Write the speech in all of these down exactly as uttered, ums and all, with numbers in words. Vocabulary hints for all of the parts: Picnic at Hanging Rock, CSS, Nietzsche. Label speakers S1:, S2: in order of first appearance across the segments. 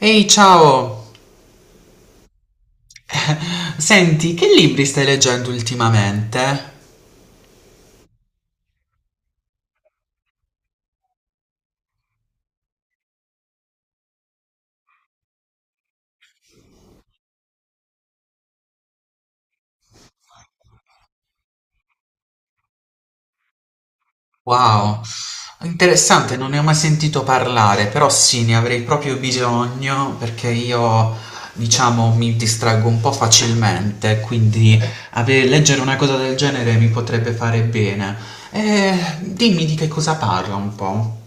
S1: Ehi, ciao! Senti, che libri stai leggendo ultimamente? Wow, interessante, non ne ho mai sentito parlare, però sì, ne avrei proprio bisogno perché io, diciamo, mi distraggo un po' facilmente, quindi ave- leggere una cosa del genere mi potrebbe fare bene. Eh, dimmi di che cosa parla un po'.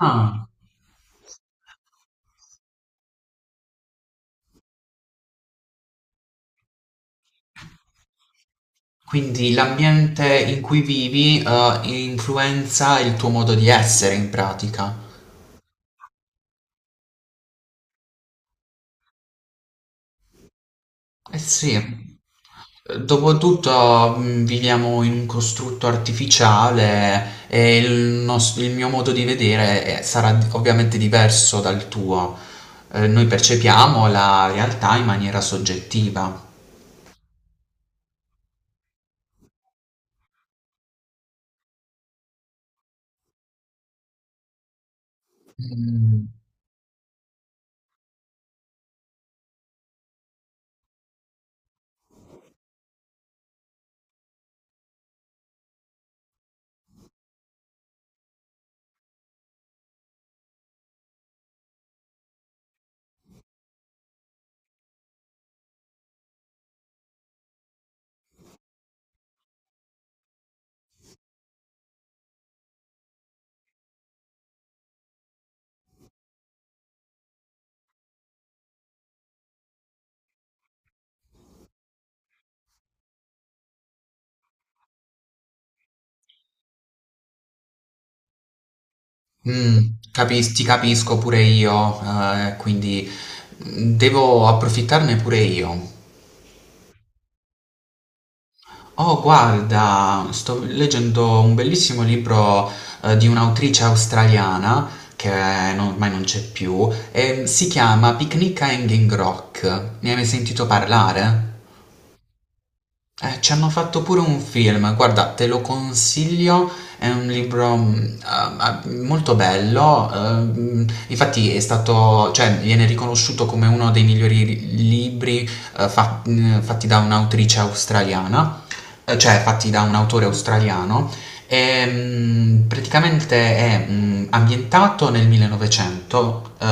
S1: Ah, quindi l'ambiente in cui vivi, eh, influenza il tuo modo di essere in pratica. Eh sì. Dopotutto mh, viviamo in un costrutto artificiale e il, nos- il mio modo di vedere eh, sarà di- ovviamente diverso dal tuo. Eh, noi percepiamo la realtà in maniera soggettiva. Mm. Mm, capis- Ti capisco pure io, eh, quindi mm, devo approfittarne pure io. Oh, guarda, sto leggendo un bellissimo libro eh, di un'autrice australiana che non- ormai non c'è più, e si chiama Picnic a Hanging Rock. Ne hai mai sentito parlare? Eh, ci hanno fatto pure un film, guarda, te lo consiglio, è un libro mh, ah, ah, molto bello. Ehm, infatti è stato, cioè, viene riconosciuto come uno dei migliori ri- libri eh, fa- mh, fatti da un'autrice australiana, eh, cioè fatti da un autore australiano. Ehm, praticamente è mh, ambientato nel millenovecento, eh,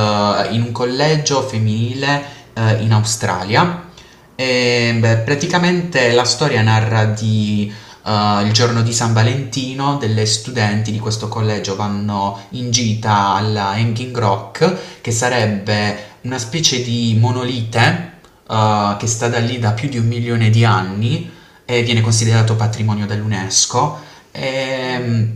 S1: in un collegio femminile, eh, in Australia. E, beh, praticamente la storia narra di eh, il giorno di San Valentino, delle studenti di questo collegio vanno in gita alla Hanging Rock, che sarebbe una specie di monolite eh, che sta da lì da più di un milione di anni e viene considerato patrimonio dell'UNESCO. e,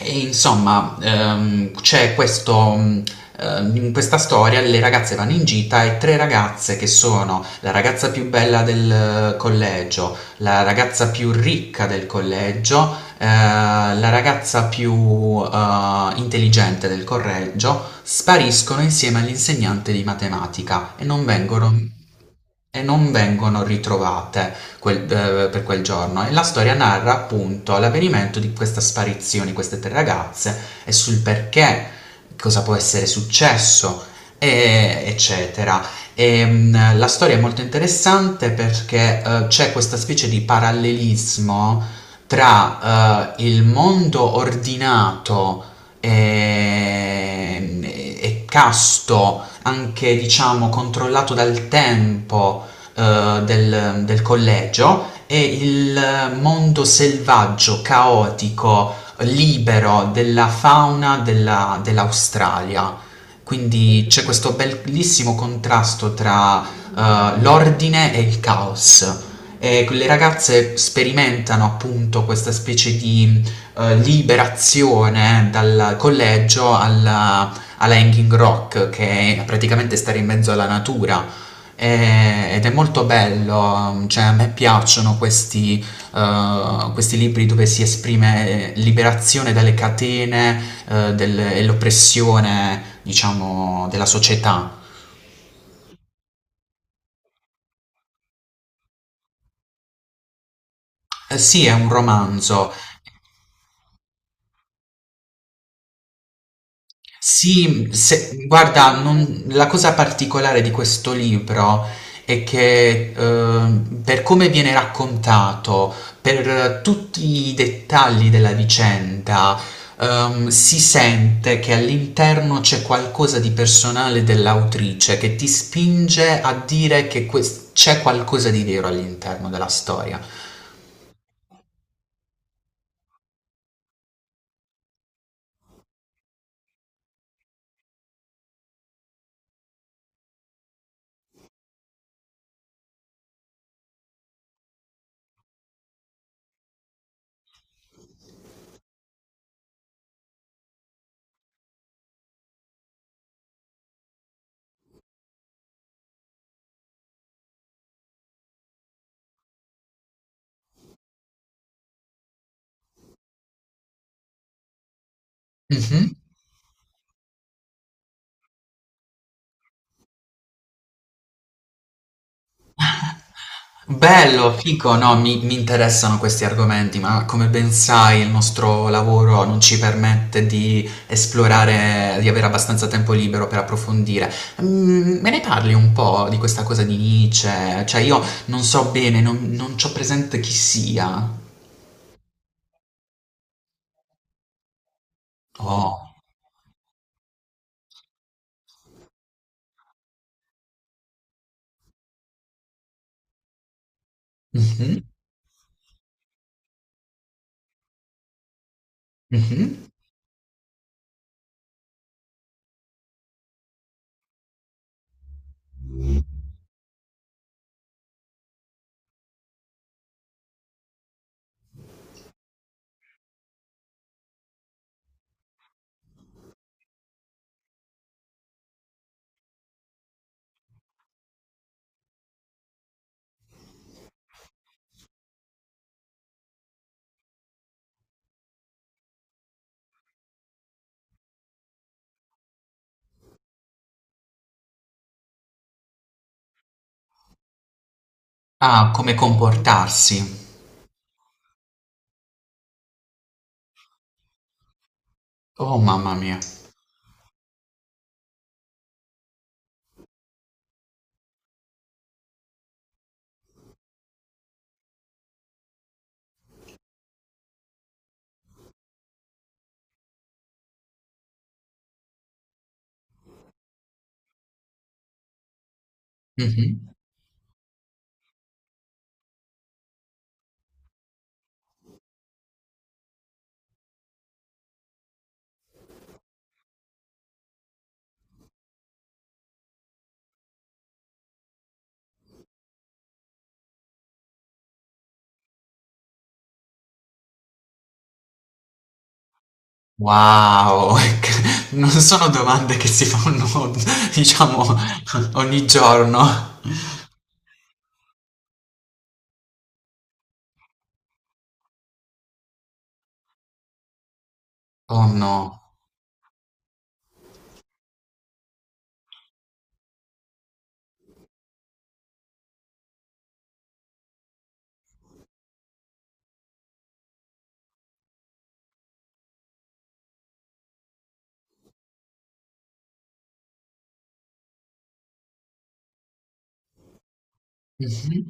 S1: e insomma, ehm, c'è questo, mh, ehm, in questa storia le ragazze vanno in gita e tre ragazze, che sono la ragazza più bella del eh, collegio, la ragazza più ricca del collegio, eh, la ragazza più eh, intelligente del collegio, spariscono insieme all'insegnante di matematica e non vengono e non vengono ritrovate quel- eh, per quel giorno, e la storia narra appunto l'avvenimento di questa sparizione di queste tre ragazze e sul perché, cosa può essere successo, e- eccetera. E, mh, la storia è molto interessante perché eh, c'è questa specie di parallelismo tra eh, il mondo ordinato, ehm, e, e casto, anche diciamo controllato dal tempo, eh, del, del collegio e il mondo selvaggio, caotico, libero della fauna della- dell'Australia. Quindi c'è questo bellissimo contrasto tra eh, l'ordine e il caos. E le ragazze sperimentano appunto questa specie di eh, liberazione dal collegio alla, alla Hanging Rock, che è praticamente stare in mezzo alla natura, eh, ed è molto bello, cioè a me piacciono questi, eh, questi libri dove si esprime eh, liberazione dalle catene eh, del- e l'oppressione, diciamo, della società. Eh sì, è un romanzo. Sì, se- guarda, non- la cosa particolare di questo libro è che, eh, per come viene raccontato, per tutti i dettagli della vicenda, ehm, si sente che all'interno c'è qualcosa di personale dell'autrice che ti spinge a dire che quest- c'è qualcosa di vero all'interno della storia. Bello, fico, no, mi, mi interessano questi argomenti, ma come ben sai il nostro lavoro non ci permette di esplorare, di avere abbastanza tempo libero per approfondire. Mm, me ne parli un po' di questa cosa di Nietzsche? Cioè io non so bene, non, non c'ho presente chi sia. Oh. Mhm, mhm. Ah, come comportarsi. Oh, mamma mia. Mhm. Wow! Ec Non sono domande che si fanno, diciamo, ogni giorno. Oh no. Mh-mh,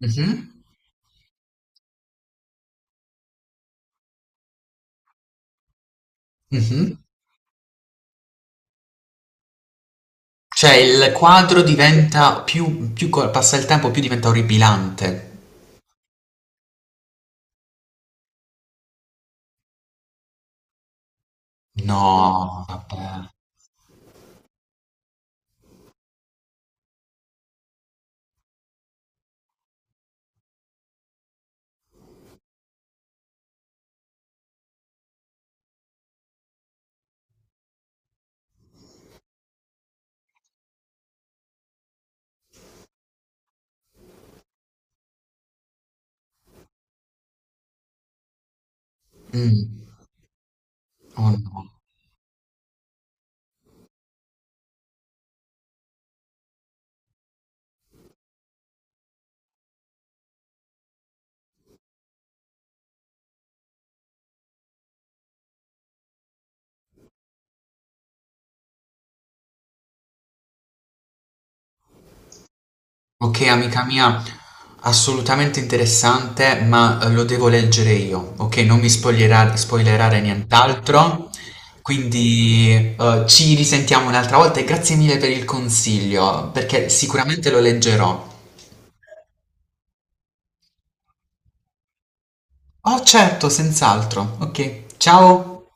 S1: mh-mh, mh-mh. Cioè il quadro diventa più più co passa il tempo più diventa orripilante. No, vabbè. Mh. Oh no. Ok, amica mia, assolutamente interessante, ma eh, lo devo leggere io, ok? Non mi spoilerare, spoilerare nient'altro. Quindi eh, ci risentiamo un'altra volta e grazie mille per il consiglio, perché sicuramente lo leggerò. Oh, certo, senz'altro. Ok, ciao!